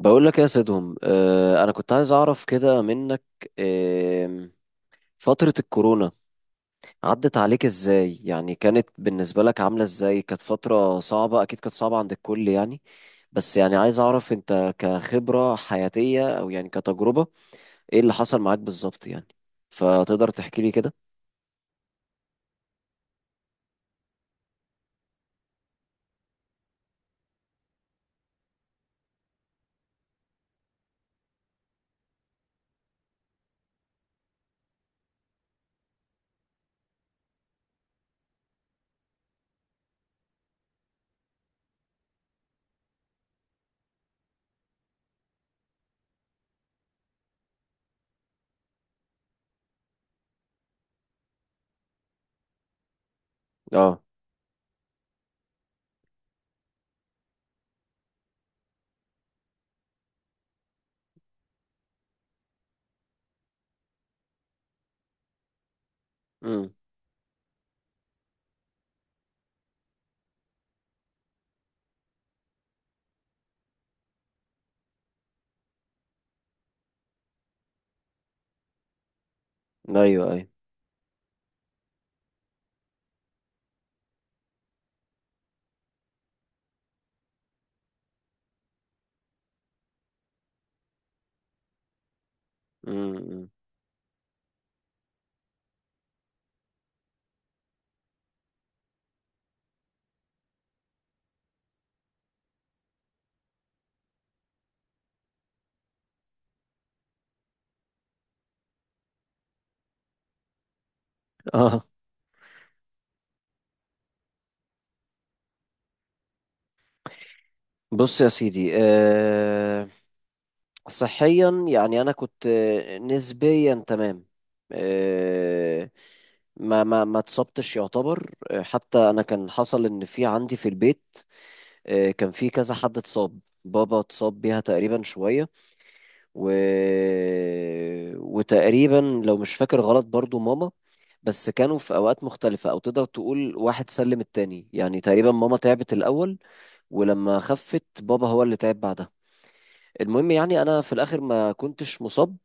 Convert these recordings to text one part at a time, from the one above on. بقول لك يا سيدهم، انا كنت عايز اعرف كده منك. آه فترة الكورونا عدت عليك ازاي؟ يعني كانت بالنسبة لك عاملة ازاي؟ كانت فترة صعبة، اكيد كانت صعبة عند الكل يعني. بس يعني عايز اعرف انت كخبرة حياتية او يعني كتجربة، ايه اللي حصل معاك بالظبط يعني؟ فتقدر تحكي لي كده. اه. امم. ايوه، ايوه. امم. اه. بص يا سيدي، صحيا يعني انا كنت نسبيا تمام. آه، ما اتصبتش يعتبر. حتى انا كان حصل ان في عندي في البيت، كان في كذا حد اتصاب. بابا اتصاب بيها تقريبا شوية، و... وتقريبا لو مش فاكر غلط برضو ماما. بس كانوا في اوقات مختلفة، او تقدر تقول واحد سلم التاني يعني. تقريبا ماما تعبت الاول، ولما خفت بابا هو اللي تعب بعدها. المهم يعني انا في الاخر ما كنتش مصاب.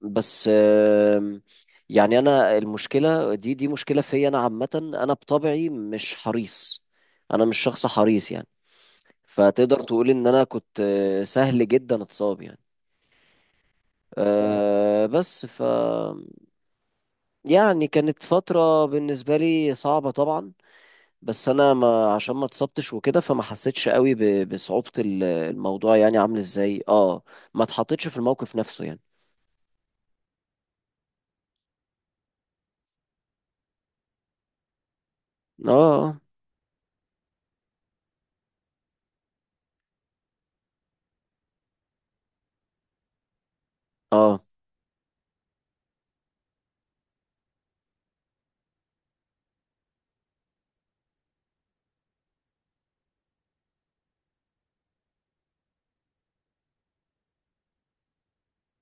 بس آم، يعني انا المشكله دي مشكله فيا انا عامه. انا بطبعي مش حريص، انا مش شخص حريص يعني. فتقدر تقول ان انا كنت سهل جدا اتصاب يعني. أه بس ف يعني كانت فتره بالنسبه لي صعبه طبعا، بس انا ما عشان ما اتصبتش وكده فما حسيتش قوي بصعوبه الموضوع، يعني عامل ازاي. اه، ما اتحطيتش في الموقف نفسه يعني. اه. اه.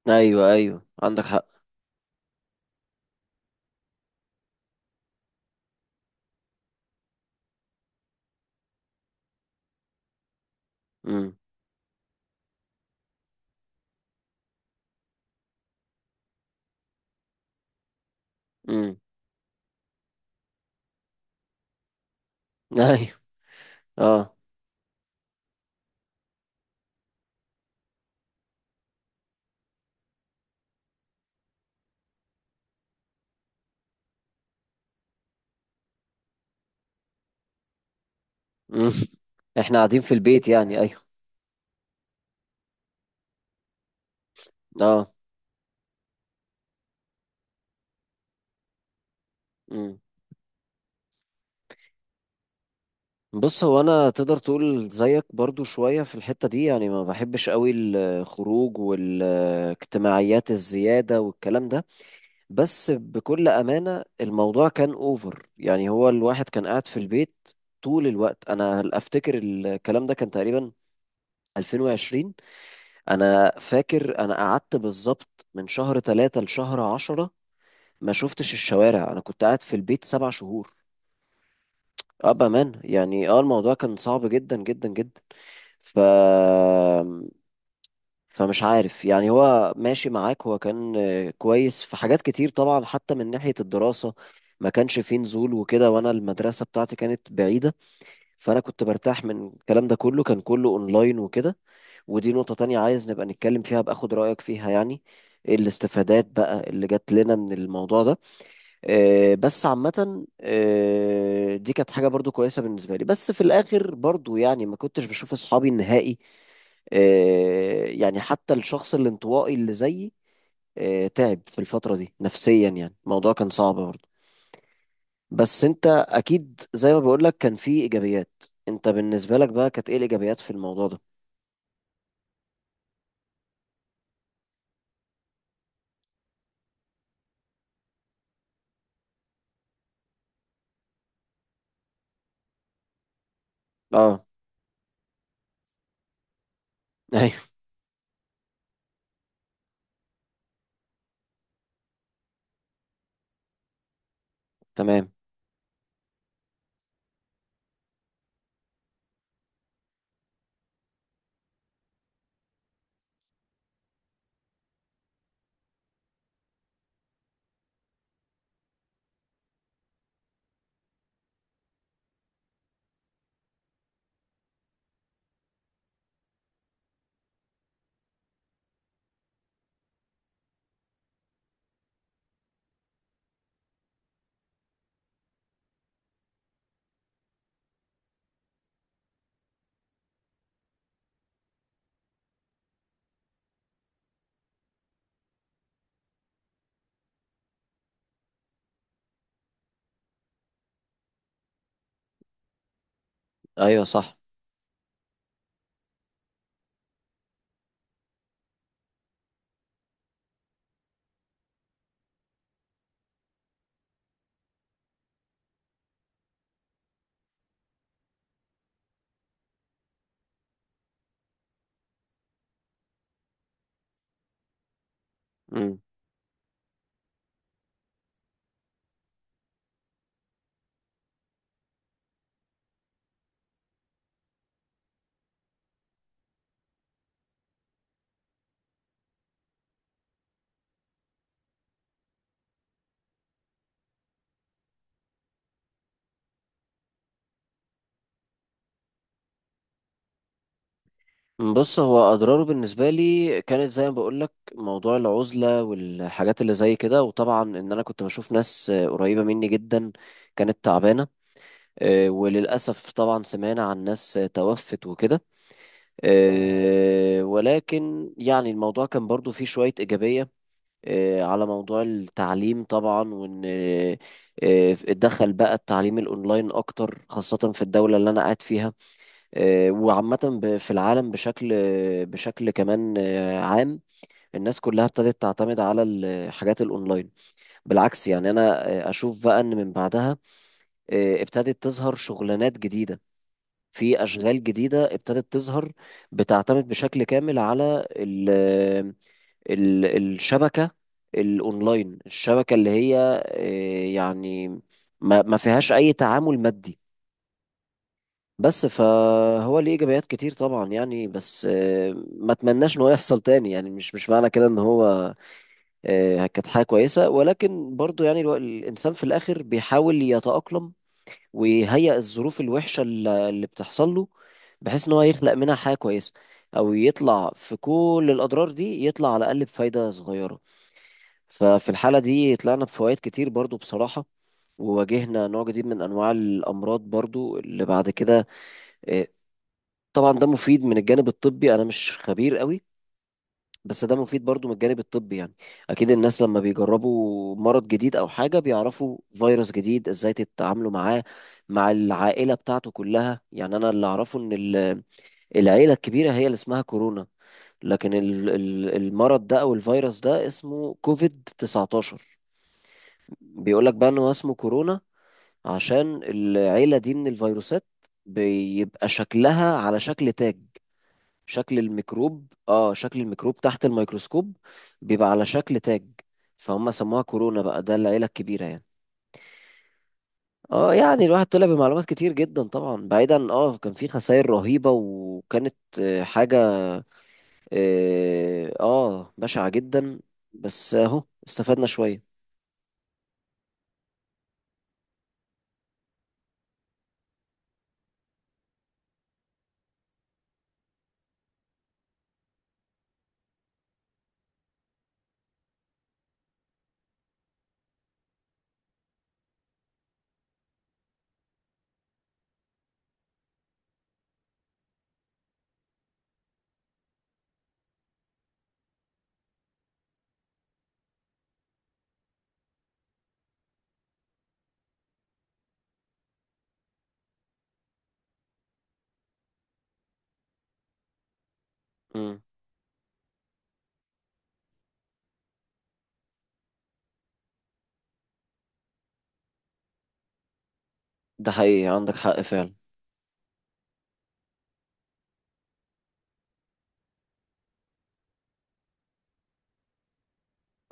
ايوه، ايوه، عندك حق. امم. امم. ايوه. اه. امم. احنا قاعدين في البيت يعني، ايوه. اه. امم. بص، هو انا تقدر تقول زيك برضو شوية في الحتة دي، يعني ما بحبش قوي الخروج والاجتماعيات الزيادة والكلام ده. بس بكل أمانة الموضوع كان اوفر، يعني هو الواحد كان قاعد في البيت طول الوقت. انا افتكر الكلام ده كان تقريبا 2020. انا فاكر انا قعدت بالظبط من شهر 3 لشهر 10. ما شفتش الشوارع، انا كنت قاعد في البيت 7 شهور. اه، بامان يعني. اه، الموضوع كان صعب جدا جدا جدا. ف فمش عارف يعني، هو ماشي معاك. هو كان كويس في حاجات كتير طبعا، حتى من ناحية الدراسة ما كانش فيه نزول وكده، وانا المدرسة بتاعتي كانت بعيدة، فانا كنت برتاح من الكلام ده كله. كان كله اونلاين وكده. ودي نقطة تانية عايز نبقى نتكلم فيها، بأخد رأيك فيها يعني، الاستفادات بقى اللي جات لنا من الموضوع ده. بس عامة دي كانت حاجة برضو كويسة بالنسبة لي. بس في الآخر برضو يعني ما كنتش بشوف أصحابي النهائي. يعني حتى الشخص الانطوائي اللي زيي تعب في الفترة دي نفسيا. يعني الموضوع كان صعب برضه. بس انت اكيد زي ما بقولك كان في ايجابيات. انت بالنسبة لك بقى كانت ايه الايجابيات في الموضوع ده؟ اه. ايوه. تمام. ايوه، صح. مم. بص، هو اضراره بالنسبه لي كانت زي ما بقول لك موضوع العزله والحاجات اللي زي كده، وطبعا ان انا كنت بشوف ناس قريبه مني جدا كانت تعبانه. وللاسف طبعا سمعنا عن ناس توفت وكده. ولكن يعني الموضوع كان برضو فيه شويه ايجابيه. على موضوع التعليم طبعا، وان اتدخل بقى التعليم الاونلاين اكتر، خاصه في الدوله اللي انا قاعد فيها. وعامة في العالم بشكل بشكل كمان آه، عام، الناس كلها ابتدت تعتمد على الحاجات الأونلاين. بالعكس، يعني أنا أشوف بقى إن من بعدها ابتدت تظهر شغلانات جديدة. في أشغال جديدة ابتدت تظهر، بتعتمد بشكل كامل على ال ال الشبكة، الأونلاين، الشبكة اللي هي يعني ما فيهاش أي تعامل مادي. بس فهو ليه ايجابيات كتير طبعا يعني. بس ما اتمناش ان هو يحصل تاني. يعني مش معنى كده ان هو كانت حاجه كويسه، ولكن برضو يعني الانسان في الاخر بيحاول يتاقلم ويهيئ الظروف الوحشه اللي بتحصل له، بحيث ان هو يخلق منها حاجه كويسه، او يطلع في كل الاضرار دي يطلع على الاقل بفايده صغيره. ففي الحاله دي طلعنا بفوائد كتير برضو بصراحه. وواجهنا نوع جديد من انواع الامراض برضو اللي بعد كده. آه، طبعا ده مفيد من الجانب الطبي. انا مش خبير قوي، بس ده مفيد برضو من الجانب الطبي يعني. اكيد الناس لما بيجربوا مرض جديد او حاجة، بيعرفوا فيروس جديد ازاي تتعاملوا معاه مع العائلة بتاعته كلها. يعني انا اللي اعرفه ان العيلة الكبيرة هي اللي اسمها كورونا، لكن المرض ده او الفيروس ده اسمه كوفيد 19. بيقولك بقى ان هو اسمه كورونا عشان العيلة دي من الفيروسات بيبقى شكلها على شكل تاج. شكل الميكروب، اه شكل الميكروب تحت الميكروسكوب بيبقى على شكل تاج، فهم سموها كورونا. بقى ده العيلة الكبيرة يعني. اه، يعني الواحد طلع بمعلومات كتير جدا طبعا. بعيدا، اه كان في خسائر رهيبة، وكانت حاجة اه بشعة جدا، بس اهو استفدنا شوية. مم. ده حقيقي، عندك حق فعلا.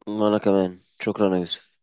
وانا كمان شكرا يا يوسف.